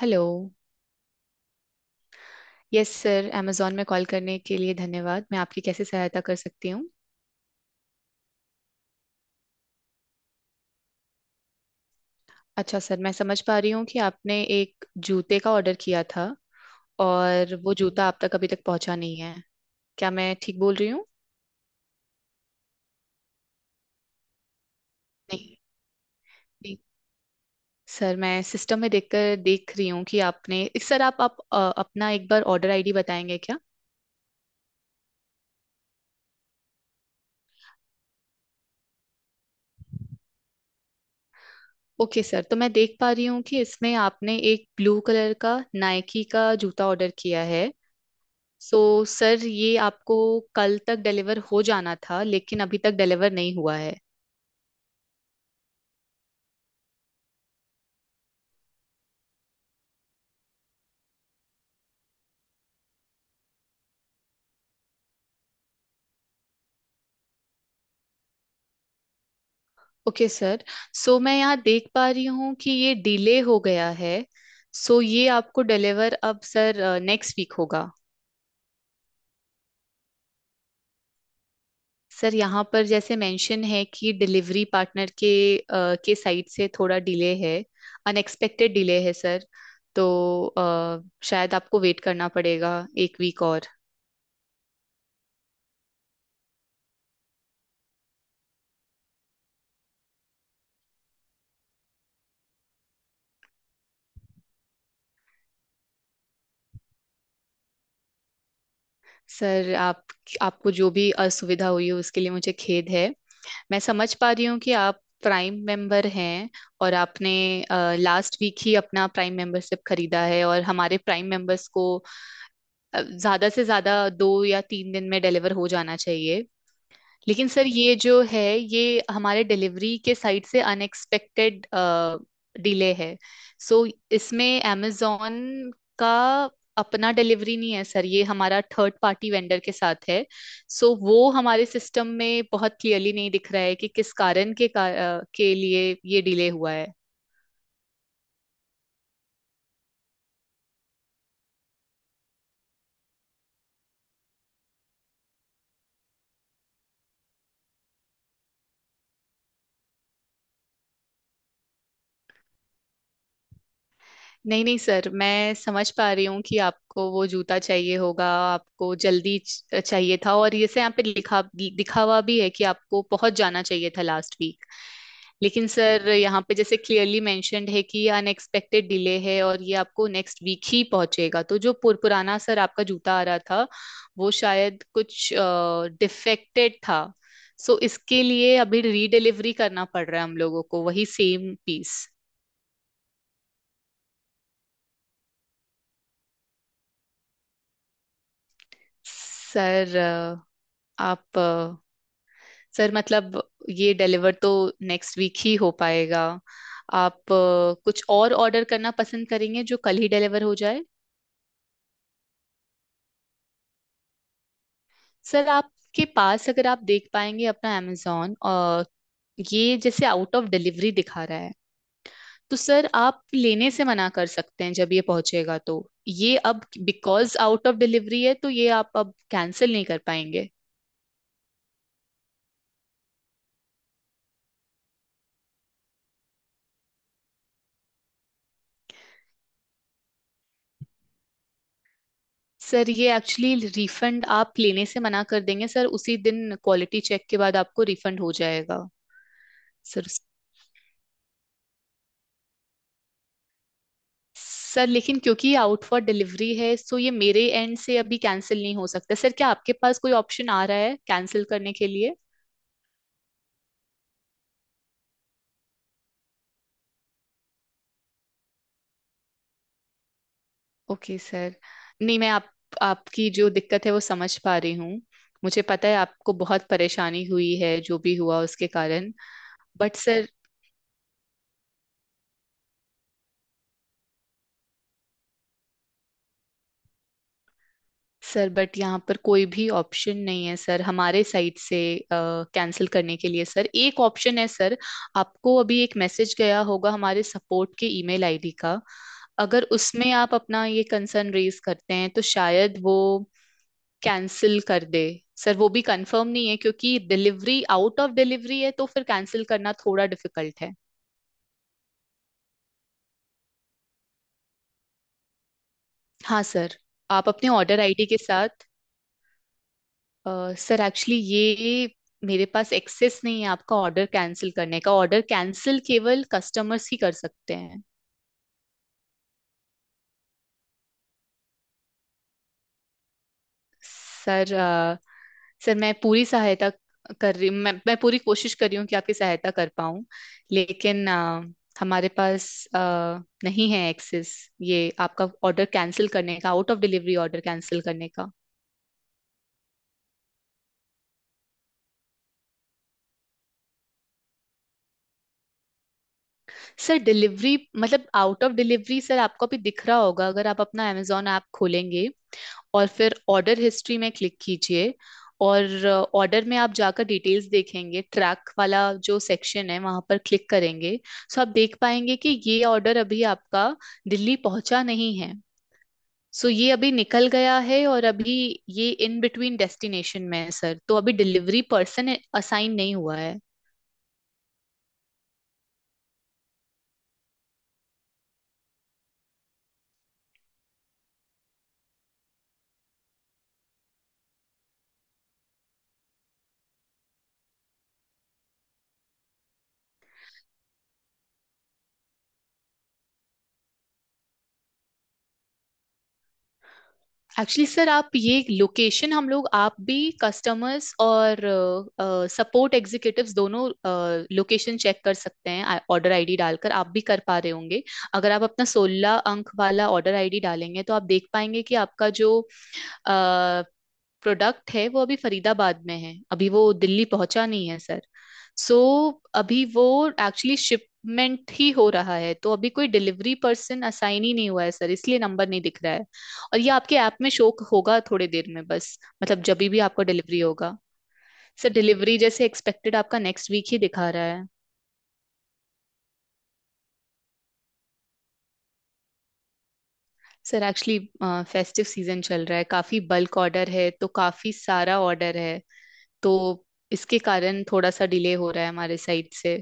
Hello. Yes sir, Amazon में call करने के लिए धन्यवाद। मैं आपकी कैसे सहायता कर सकती हूँ। अच्छा सर, मैं समझ पा रही हूँ कि आपने एक जूते का ऑर्डर किया था और वो जूता आप तक अभी तक पहुँचा नहीं है। क्या मैं ठीक बोल रही हूँ। नहीं, नहीं। सर मैं सिस्टम में देखकर देख रही हूँ कि आपने सर आप अपना एक बार ऑर्डर आईडी बताएंगे क्या। ओके सर, तो मैं देख पा रही हूँ कि इसमें आपने एक ब्लू कलर का नाइकी का जूता ऑर्डर किया है। सो सर, ये आपको कल तक डिलीवर हो जाना था लेकिन अभी तक डिलीवर नहीं हुआ है। ओके सर, सो मैं यहाँ देख पा रही हूँ कि ये डिले हो गया है। सो ये आपको डिलीवर अब सर नेक्स्ट वीक होगा। सर यहाँ पर जैसे मेंशन है कि डिलीवरी पार्टनर के साइड से थोड़ा डिले है। अनएक्सपेक्टेड डिले है सर। तो अ, शायद आपको वेट करना पड़ेगा एक वीक और। सर, आप आपको जो भी असुविधा हुई है उसके लिए मुझे खेद है। मैं समझ पा रही हूँ कि आप प्राइम मेंबर हैं और आपने लास्ट वीक ही अपना प्राइम मेंबरशिप खरीदा है, और हमारे प्राइम मेंबर्स को ज्यादा से ज्यादा 2 या 3 दिन में डिलीवर हो जाना चाहिए। लेकिन सर, ये जो है ये हमारे डिलीवरी के साइड से अनएक्सपेक्टेड डिले है। सो इसमें amazon का अपना डिलीवरी नहीं है सर, ये हमारा थर्ड पार्टी वेंडर के साथ है। सो वो हमारे सिस्टम में बहुत क्लियरली नहीं दिख रहा है कि किस कारण के लिए ये डिले हुआ है। नहीं, नहीं सर, मैं समझ पा रही हूँ कि आपको वो जूता चाहिए होगा। आपको जल्दी चाहिए था, और ये से यहाँ पे लिखा दिखा हुआ भी है कि आपको पहुंच जाना चाहिए था लास्ट वीक। लेकिन सर यहाँ पे जैसे क्लियरली मेंशन्ड है कि ये अनएक्सपेक्टेड डिले है और ये आपको नेक्स्ट वीक ही पहुंचेगा, तो जो पुराना सर आपका जूता आ रहा था वो शायद कुछ डिफेक्टेड था। सो इसके लिए अभी रीडिलीवरी करना पड़ रहा है हम लोगों को वही सेम पीस। सर, आप अ, सर मतलब ये डिलीवर तो नेक्स्ट वीक ही हो पाएगा। आप कुछ और ऑर्डर करना पसंद करेंगे जो कल ही डिलीवर हो जाए। सर आपके पास अगर आप देख पाएंगे अपना अमेजोन, और ये जैसे आउट ऑफ डिलीवरी दिखा रहा है तो सर आप लेने से मना कर सकते हैं जब ये पहुंचेगा तो। ये अब बिकॉज आउट ऑफ डिलीवरी है, तो ये आप अब कैंसिल नहीं कर पाएंगे। सर ये एक्चुअली रिफंड, आप लेने से मना कर देंगे सर उसी दिन, क्वालिटी चेक के बाद आपको रिफंड हो जाएगा। सर सर, लेकिन क्योंकि ये आउट फॉर डिलीवरी है सो ये मेरे एंड से अभी कैंसिल नहीं हो सकता सर। क्या आपके पास कोई ऑप्शन आ रहा है कैंसिल करने के लिए। ओके सर, नहीं मैं आप आपकी जो दिक्कत है वो समझ पा रही हूँ। मुझे पता है आपको बहुत परेशानी हुई है जो भी हुआ उसके कारण। But sir. सर बट यहाँ पर कोई भी ऑप्शन नहीं है सर हमारे साइड से कैंसिल करने के लिए। सर एक ऑप्शन है सर। आपको अभी एक मैसेज गया होगा हमारे सपोर्ट के ईमेल आईडी का। अगर उसमें आप अपना ये कंसर्न रेज करते हैं तो शायद वो कैंसिल कर दे। सर वो भी कंफर्म नहीं है क्योंकि डिलीवरी आउट ऑफ डिलीवरी है तो फिर कैंसिल करना थोड़ा डिफिकल्ट है। हाँ सर, आप अपने ऑर्डर आईडी के साथ अ, सर एक्चुअली ये मेरे पास एक्सेस नहीं है आपका ऑर्डर कैंसिल करने का। ऑर्डर कैंसिल केवल कस्टमर्स ही कर सकते हैं। सर अ, सर, मैं पूरी सहायता कर रही हूँ, मैं पूरी कोशिश कर रही हूँ कि आपकी सहायता कर पाऊँ। लेकिन हमारे पास अ, नहीं है एक्सेस, ये आपका ऑर्डर कैंसिल करने का, out of delivery order cancel करने का। सर डिलीवरी मतलब आउट ऑफ डिलीवरी, सर आपको अभी दिख रहा होगा अगर आप अपना amazon ऐप खोलेंगे, और फिर ऑर्डर हिस्ट्री में क्लिक कीजिए, और ऑर्डर में आप जाकर डिटेल्स देखेंगे, ट्रैक वाला जो सेक्शन है वहां पर क्लिक करेंगे। सो आप देख पाएंगे कि ये ऑर्डर अभी आपका दिल्ली पहुंचा नहीं है, सो ये अभी निकल गया है, और अभी ये इन बिटवीन डेस्टिनेशन में है सर, तो अभी डिलीवरी पर्सन असाइन नहीं हुआ है। एक्चुअली सर, आप ये लोकेशन हम लोग आप भी, कस्टमर्स और सपोर्ट एग्जीक्यूटिव्स दोनों, लोकेशन चेक कर सकते हैं ऑर्डर आईडी डालकर। आप भी कर पा रहे होंगे। अगर आप अपना 16 अंक वाला ऑर्डर आईडी डालेंगे तो आप देख पाएंगे कि आपका जो प्रोडक्ट है वो अभी फरीदाबाद में है, अभी वो दिल्ली पहुंचा नहीं है सर। सो अभी वो एक्चुअली शिपमेंट ही हो रहा है तो अभी कोई डिलीवरी पर्सन असाइन ही नहीं हुआ है सर, इसलिए नंबर नहीं दिख रहा है। और ये आपके ऐप में शो होगा थोड़ी देर में, बस मतलब जब भी आपको डिलीवरी होगा। सर डिलीवरी जैसे एक्सपेक्टेड आपका नेक्स्ट वीक ही दिखा रहा है। सर एक्चुअली फेस्टिव सीजन चल रहा है, काफी बल्क ऑर्डर है, तो काफी सारा ऑर्डर है तो इसके कारण थोड़ा सा डिले हो रहा है हमारे साइड से।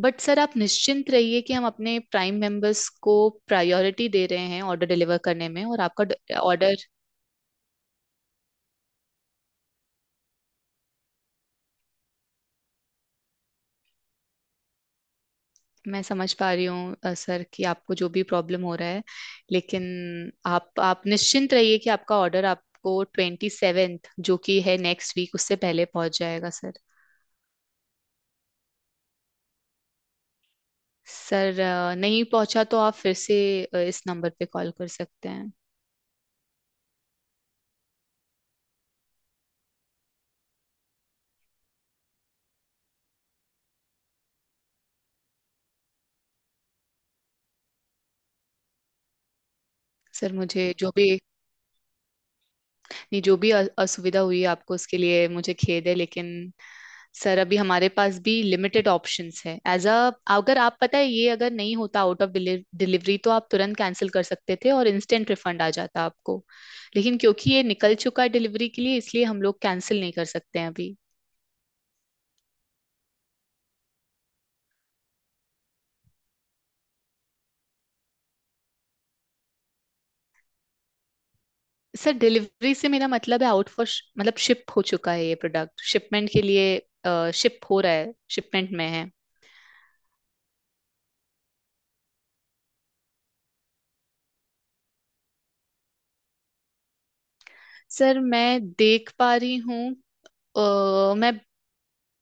बट सर आप निश्चिंत रहिए कि हम अपने प्राइम मेंबर्स को प्रायोरिटी दे रहे हैं ऑर्डर डिलीवर करने में, और आपका ऑर्डर। मैं समझ पा रही हूँ सर, कि आपको जो भी प्रॉब्लम हो रहा है लेकिन आप निश्चिंत रहिए कि आपका ऑर्डर आपको 27, जो कि है नेक्स्ट वीक, उससे पहले पहुंच जाएगा सर। सर, नहीं पहुंचा तो आप फिर से इस नंबर पे कॉल कर सकते हैं। सर मुझे जो भी नहीं, जो भी असुविधा हुई आपको उसके लिए मुझे खेद है लेकिन। सर अभी हमारे पास भी लिमिटेड ऑप्शंस है एज अ। अगर आप पता है ये अगर नहीं होता आउट ऑफ डिलीवरी, तो आप तुरंत कैंसिल कर सकते थे और इंस्टेंट रिफंड आ जाता आपको। लेकिन क्योंकि ये निकल चुका है डिलीवरी के लिए, इसलिए हम लोग कैंसिल नहीं कर सकते हैं अभी। सर डिलीवरी से मेरा मतलब है आउट फॉर, मतलब शिप हो चुका है, ये प्रोडक्ट शिपमेंट के लिए शिप हो रहा है, शिपमेंट में है। सर मैं देख पा रही हूँ मैं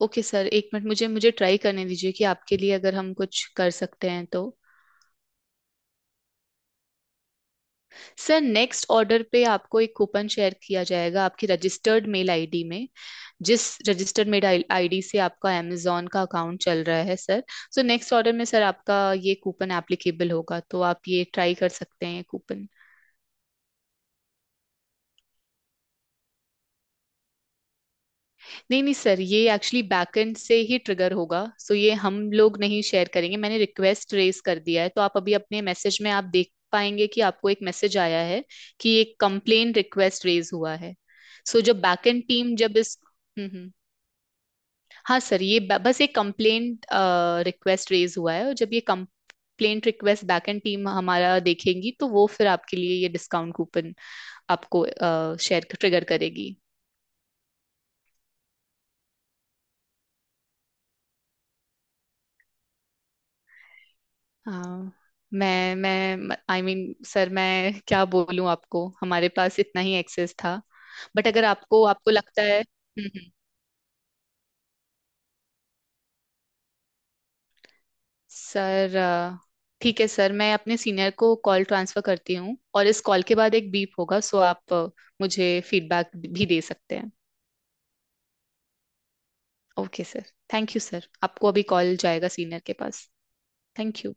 ओके सर, एक मिनट मुझे मुझे ट्राई करने दीजिए कि आपके लिए अगर हम कुछ कर सकते हैं तो। सर नेक्स्ट ऑर्डर पे आपको एक कूपन शेयर किया जाएगा आपकी रजिस्टर्ड मेल आईडी में। जिस रजिस्टर्ड मेल आईडी से आपका amazon का अकाउंट चल रहा है सर। सो नेक्स्ट ऑर्डर में सर आपका ये कूपन एप्लीकेबल होगा, तो आप ये ट्राई कर सकते हैं ये कूपन। नहीं, नहीं सर, ये एक्चुअली बैकएंड से ही ट्रिगर होगा, सो ये हम लोग नहीं शेयर करेंगे। मैंने रिक्वेस्ट रेज कर दिया है, तो आप अभी अपने मैसेज में आप देख पाएंगे कि आपको एक मैसेज आया है कि एक कंप्लेन रिक्वेस्ट रेज हुआ है। सो जब बैकएंड टीम जब इस। हम्म, हम्म। हाँ सर ये बस एक कंप्लेंट रिक्वेस्ट रेज हुआ है, और जब ये कंप्लेंट रिक्वेस्ट बैकएंड टीम हमारा देखेगी तो वो फिर आपके लिए ये डिस्काउंट कूपन आपको शेयर ट्रिगर करेगी। हाँ, मैं आई मीन सर, मैं क्या बोलूं आपको, हमारे पास इतना ही एक्सेस था। बट अगर आपको आपको लगता है, हम्म, सर, ठीक है सर, मैं अपने सीनियर को कॉल ट्रांसफर करती हूँ, और इस कॉल के बाद एक बीप होगा, सो आप मुझे फीडबैक भी दे सकते हैं। Okay sir. Thank you sir, आपको अभी कॉल जाएगा सीनियर के पास। Thank you.